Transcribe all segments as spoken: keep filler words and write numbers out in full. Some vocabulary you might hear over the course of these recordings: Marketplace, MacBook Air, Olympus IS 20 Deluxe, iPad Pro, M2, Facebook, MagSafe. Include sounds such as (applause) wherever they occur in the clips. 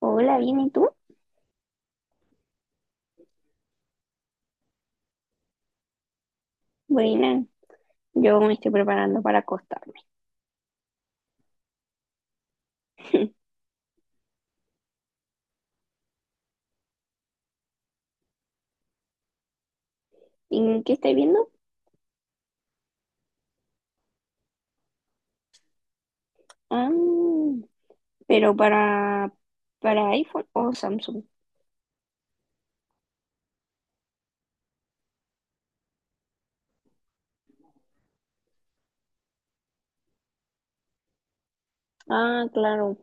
Hola, bien, ¿y tú? Buena, yo me estoy preparando para acostarme. (laughs) ¿En qué estoy viendo? Ah, pero para, para iPhone o Samsung. Ah, claro,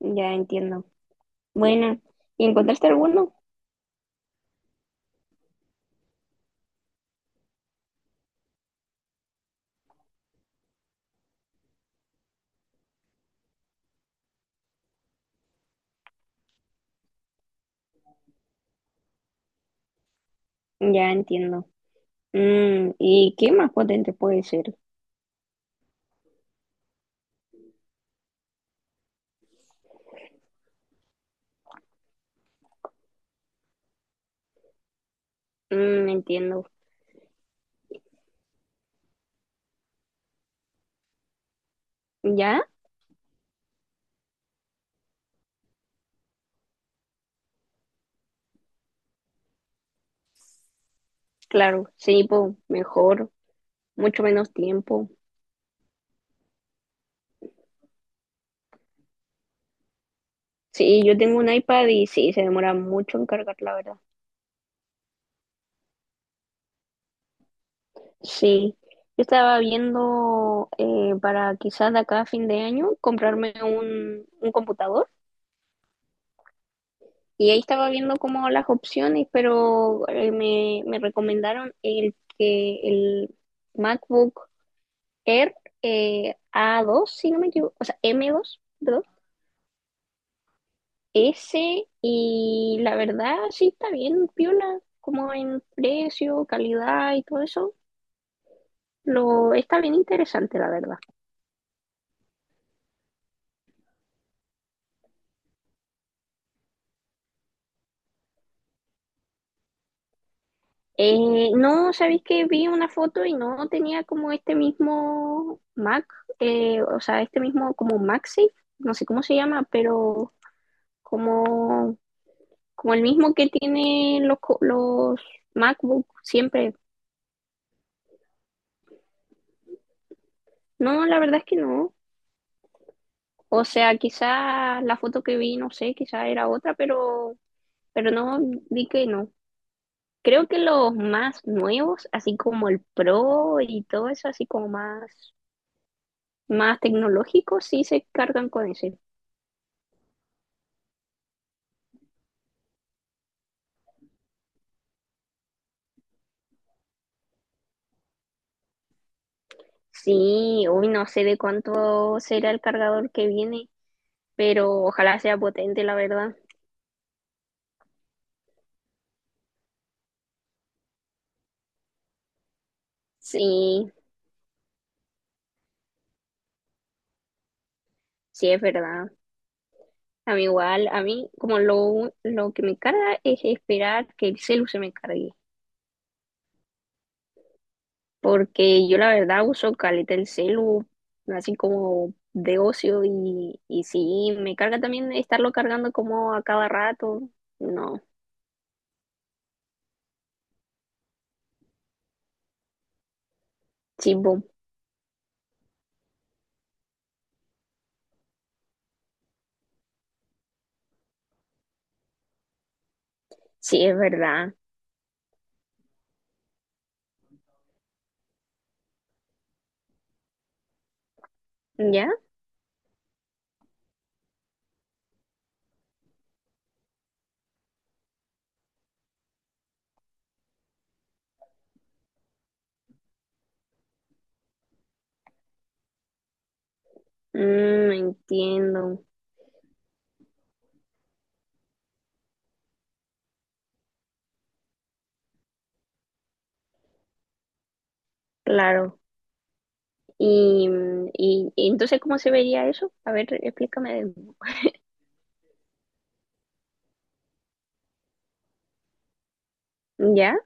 ya entiendo. Buena, ¿y encontraste alguno? Ya entiendo. Mm, ¿y qué más potente puede ser? Mm, entiendo. ¿Ya? Claro, sí, po, mejor, mucho menos tiempo. Sí, yo tengo un iPad y sí, se demora mucho en cargar, la verdad. Sí, yo estaba viendo eh, para quizás de acá a fin de año comprarme un, un computador y ahí estaba viendo como las opciones, pero eh, me, me recomendaron el que el MacBook Air eh, a dos si no me equivoco, o sea, m dos perdón, ese y la verdad sí está bien, piola, como en precio, calidad y todo eso, lo está bien interesante, la verdad. Eh, no, sabéis que vi una foto y no tenía como este mismo Mac, eh, o sea, este mismo como MagSafe, no sé cómo se llama, pero como, como el mismo que tienen los, co- los MacBook siempre. No, la verdad es que no. O sea, quizá la foto que vi, no sé, quizá era otra, pero, pero no, vi que no. Creo que los más nuevos, así como el Pro y todo eso, así como más. Más tecnológicos sí se cargan con eso. Sí, hoy no sé de cuánto será el cargador que viene, pero ojalá sea potente, la verdad. Sí, sí es verdad. A mí igual, a mí como lo, lo que me carga es esperar que el celu se me cargue, porque yo la verdad uso caleta el celu, así como de ocio y, y sí, me carga también estarlo cargando como a cada rato. No, sí, boom, sí es verdad. ¿Ya? Mm, entiendo, claro. Y, mm, y, y entonces, ¿cómo se vería eso? A ver, explícame. Ya,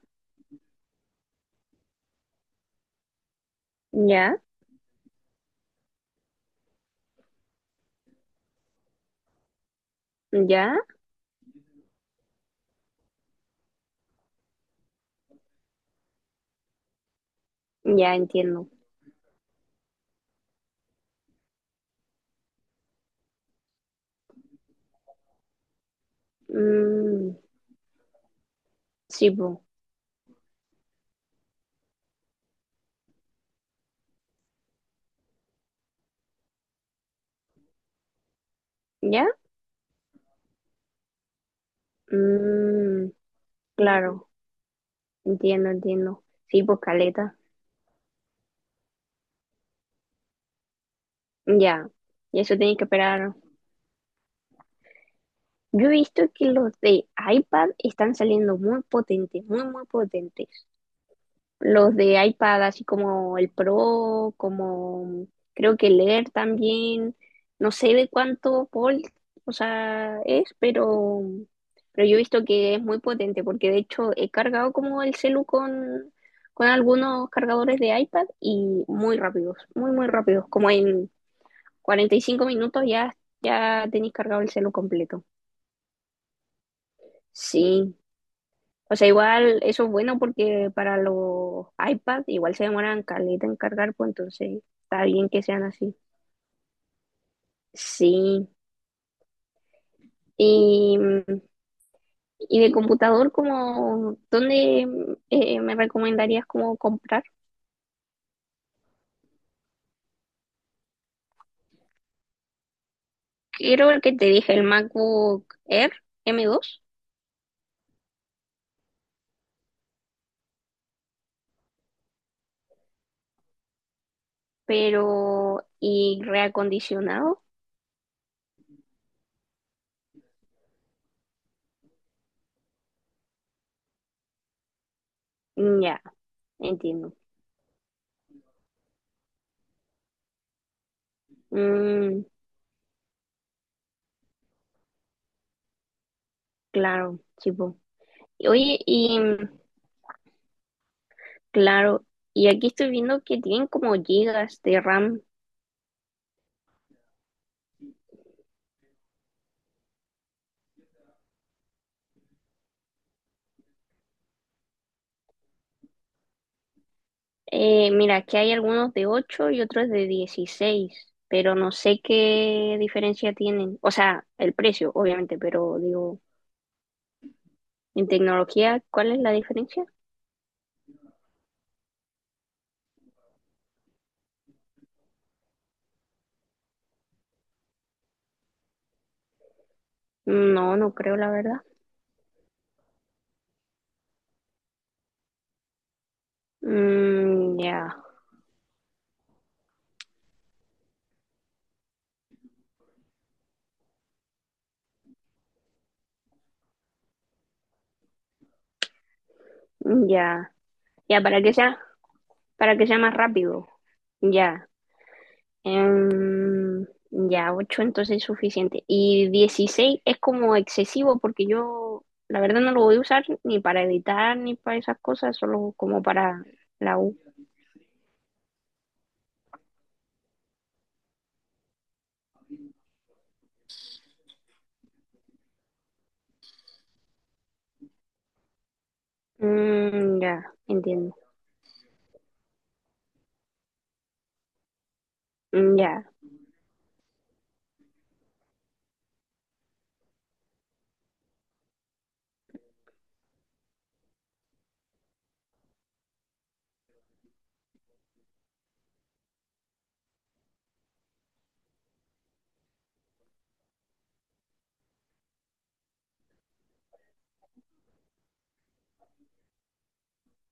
ya, ya, ya entiendo. Mm, sí, pues, ya. Mm, claro, entiendo, entiendo. Sí, pues, caleta. Ya. Y eso tiene que esperar. Yo he visto que los de iPad están saliendo muy potentes, muy, muy potentes. Los de iPad, así como el Pro, como creo que el Air también. No sé de cuánto volt, o sea, es, pero, pero yo he visto que es muy potente, porque de hecho he cargado como el celu con, con algunos cargadores de iPad y muy rápidos, muy, muy rápidos. Como en cuarenta y cinco minutos ya, ya tenéis cargado el celu completo. Sí, o sea, igual eso es bueno porque para los iPad igual se demoran caleta en cargar, pues entonces está bien que sean así. Sí. Y, y de computador, como, ¿dónde eh, me recomendarías como comprar? Quiero el que te dije, el MacBook Air M dos, pero y reacondicionado. Mm, ya, entiendo. Mm, claro, tipo. Oye, y claro, y aquí estoy viendo que tienen como gigas de RAM. Eh, mira, que hay algunos de ocho y otros de dieciséis, pero no sé qué diferencia tienen. O sea, el precio, obviamente, pero digo, en tecnología, ¿cuál es la diferencia? No, no creo, la verdad. Mm, ya, ya, ya, para que sea, para que sea más rápido. Ya. Em, ya, ocho entonces es suficiente. Y dieciséis es como excesivo porque yo la verdad no lo voy a usar ni para editar ni para esas cosas, solo como para la U. Mm, ya, entiendo. Mm, ya,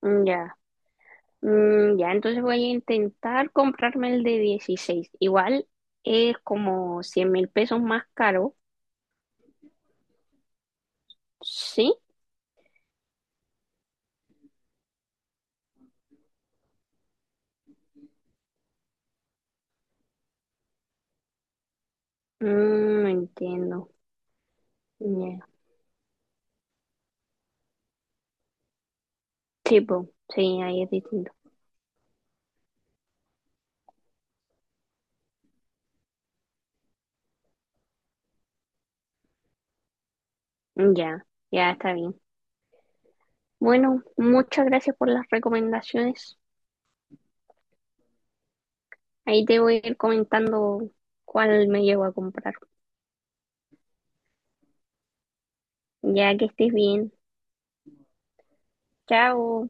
mm, ya. Mm, ya, entonces voy a intentar comprarme el de dieciséis. Igual es como cien mil pesos más caro, ¿sí? Mm, entiendo. Ya. Sí, po, sí, ahí es distinto. Ya, ya está bien. Bueno, muchas gracias por las recomendaciones. Ahí te voy a ir comentando cuál me llevo a comprar. Ya que estés bien. Chao.